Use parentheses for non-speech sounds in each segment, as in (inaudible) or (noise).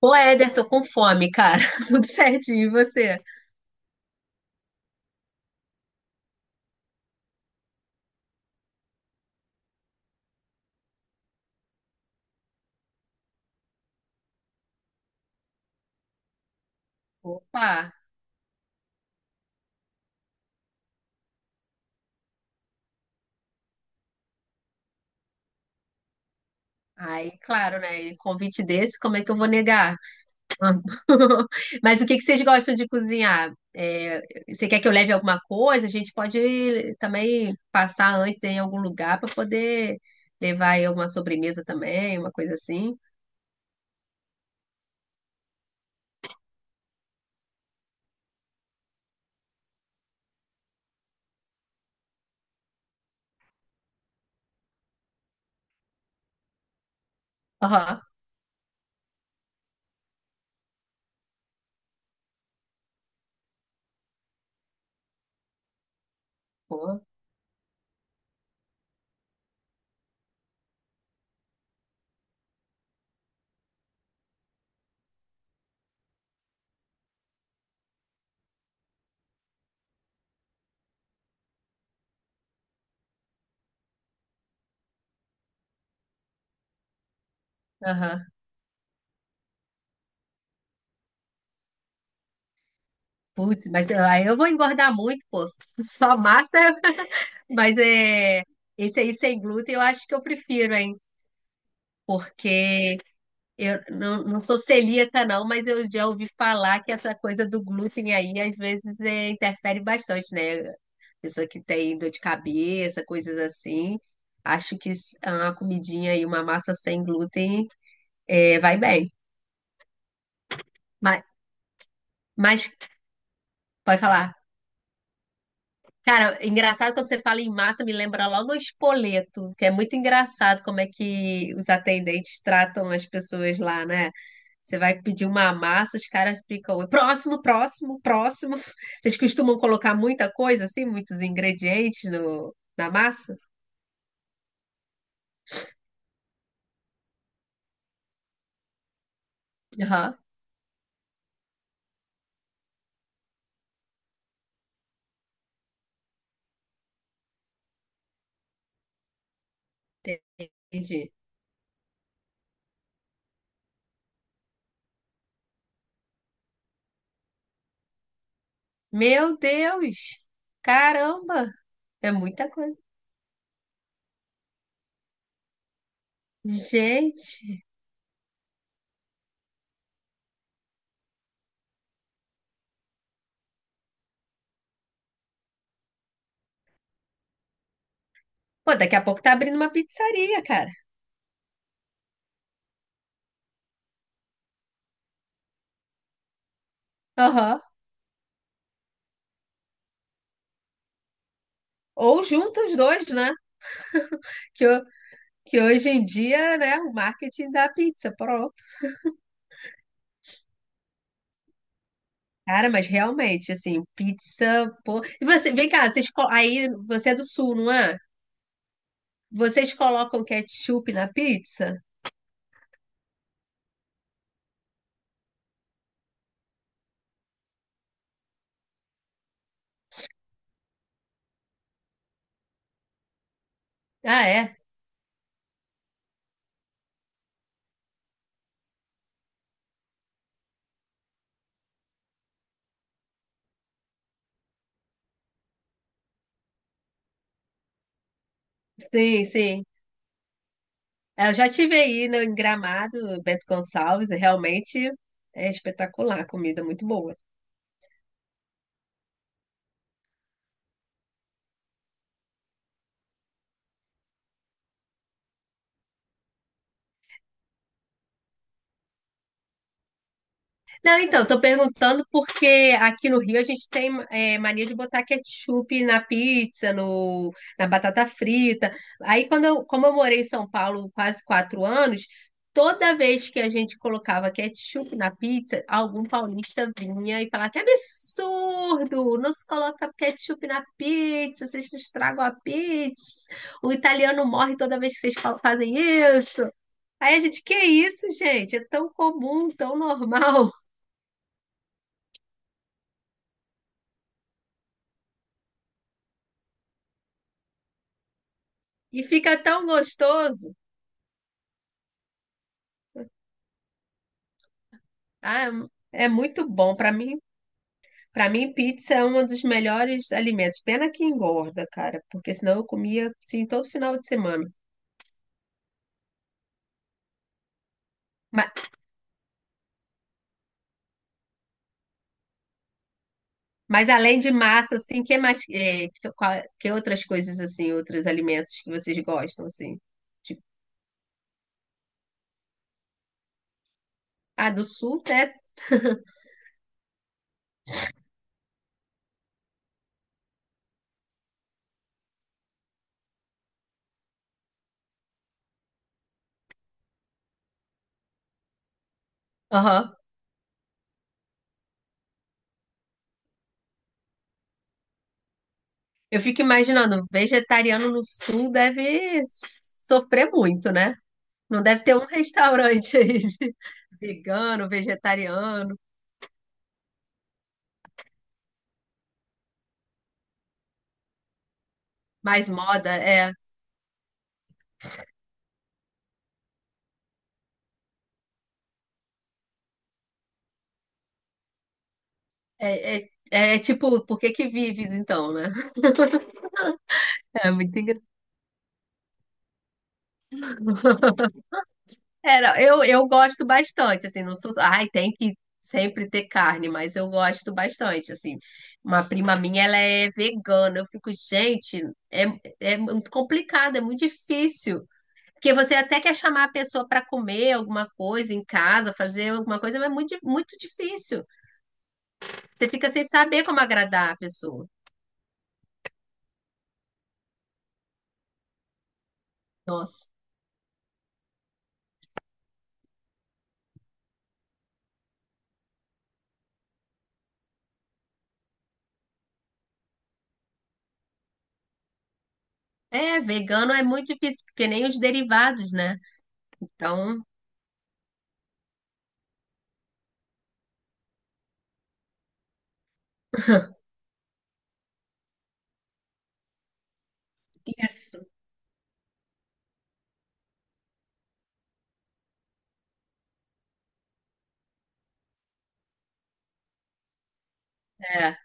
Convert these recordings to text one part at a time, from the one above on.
Ô, Éder, tô com fome, cara. (laughs) Tudo certinho, e você? Opa! Aí, claro, né? E convite desse, como é que eu vou negar? (laughs) Mas o que que vocês gostam de cozinhar? Você quer que eu leve alguma coisa? A gente pode também passar antes em algum lugar para poder levar aí alguma sobremesa também, uma coisa assim. Aham, pô, aham. Putz, aí eu vou engordar muito, pô. Só massa, (laughs) mas é. Esse aí sem glúten eu acho que eu prefiro, hein? Porque eu não, não sou celíaca, não, mas eu já ouvi falar que essa coisa do glúten aí às vezes interfere bastante, né? Pessoa que tem dor de cabeça, coisas assim. Acho que é uma comidinha e uma massa sem glúten vai bem. Mas, mas pode falar. Cara, engraçado quando você fala em massa, me lembra logo o espoleto, que é muito engraçado como é que os atendentes tratam as pessoas lá, né? Você vai pedir uma massa, os caras ficam próximo, próximo, próximo. (laughs) Vocês costumam colocar muita coisa assim, muitos ingredientes no, na massa? Aham, entendi. Meu Deus! Caramba! É muita coisa. Gente! Pô, daqui a pouco tá abrindo uma pizzaria, cara. Aham. Ou junta os dois, né? Que, ho- que hoje em dia, né, o marketing da pizza, pronto. Cara, mas realmente, assim, pizza, pô. E você, vem cá, aí você é do sul, não é? Vocês colocam ketchup na pizza? Ah, é? Sim, sim. Eu já tive aí no em Gramado, Bento Gonçalves, e realmente é espetacular, a comida é muito boa. Não, então, tô perguntando porque aqui no Rio a gente tem mania de botar ketchup na pizza, no, na batata frita. Aí, como eu morei em São Paulo quase 4 anos, toda vez que a gente colocava ketchup na pizza, algum paulista vinha e falava: Que absurdo! Não se coloca ketchup na pizza, vocês estragam a pizza. O italiano morre toda vez que vocês fazem isso. Aí a gente, que isso, gente? É tão comum, tão normal. E fica tão gostoso. Ah, é muito bom. Para mim, pizza é um dos melhores alimentos. Pena que engorda, cara, porque senão eu comia assim todo final de semana. Mas, mas além de massa, assim, que mais, que outras coisas assim, outros alimentos que vocês gostam assim? Tipo, ah, do sul, né? Aham. Eu fico imaginando, vegetariano no sul deve sofrer muito, né? Não deve ter um restaurante aí de vegano, vegetariano. Mais moda, é. É, é, é tipo, por que que vives então, né? (laughs) É muito engraçado. É, não, eu gosto bastante, assim, não sou. Ai, tem que sempre ter carne, mas eu gosto bastante, assim. Uma prima minha, ela é vegana. Eu fico, gente, é, é muito complicado, é muito difícil. Porque você até quer chamar a pessoa para comer alguma coisa em casa, fazer alguma coisa, mas é muito, muito difícil. Você fica sem saber como agradar a pessoa. Nossa. É, vegano é muito difícil, porque nem os derivados, né? Então, isso, é.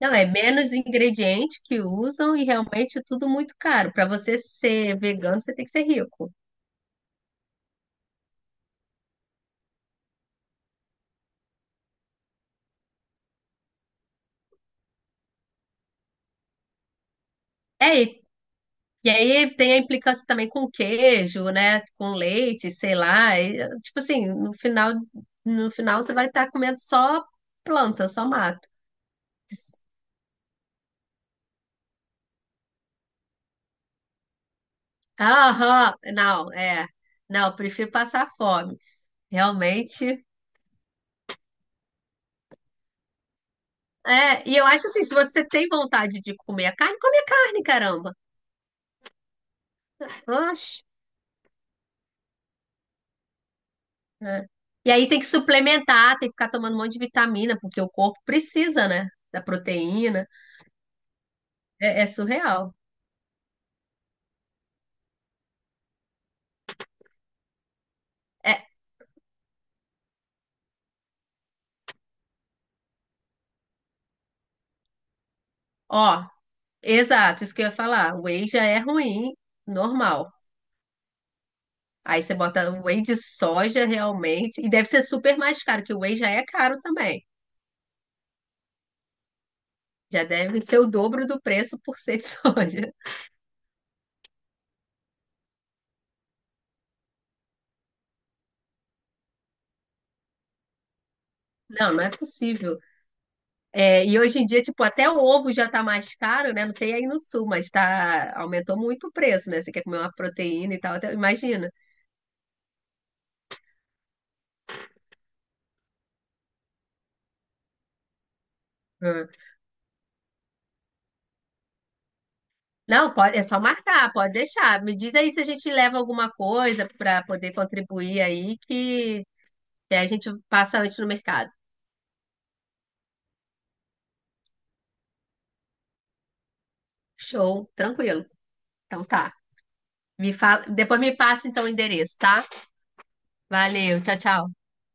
Não, é menos ingrediente que usam e realmente é tudo muito caro. Para você ser vegano, você tem que ser rico. É, e aí tem a implicância também com queijo, né? Com leite, sei lá. E, tipo assim, no final você vai estar comendo só planta, só mato. Aham, não, é. Não, prefiro passar fome. Realmente é, eu acho assim, se você tem vontade de comer a carne, come a carne, caramba. Oxe, né? E aí tem que suplementar, tem que ficar tomando um monte de vitamina, porque o corpo precisa, né? Da proteína. É, é surreal. É, ó, exato, isso que eu ia falar. O whey já é ruim, normal. Aí você bota o whey de soja realmente, e deve ser super mais caro, que o whey já é caro também. Já deve ser o dobro do preço por ser de (laughs) soja. Não, não é possível. É, e hoje em dia, tipo, até o ovo já tá mais caro, né? Não sei aí no sul, mas tá, aumentou muito o preço, né? Você quer comer uma proteína e tal, até- imagina. Hum. Não, pode, é só marcar, pode deixar. Me diz aí se a gente leva alguma coisa para poder contribuir aí, que a gente passa antes no mercado. Show, tranquilo. Então tá. Me fala, depois me passa então o endereço, tá? Valeu, tchau, tchau.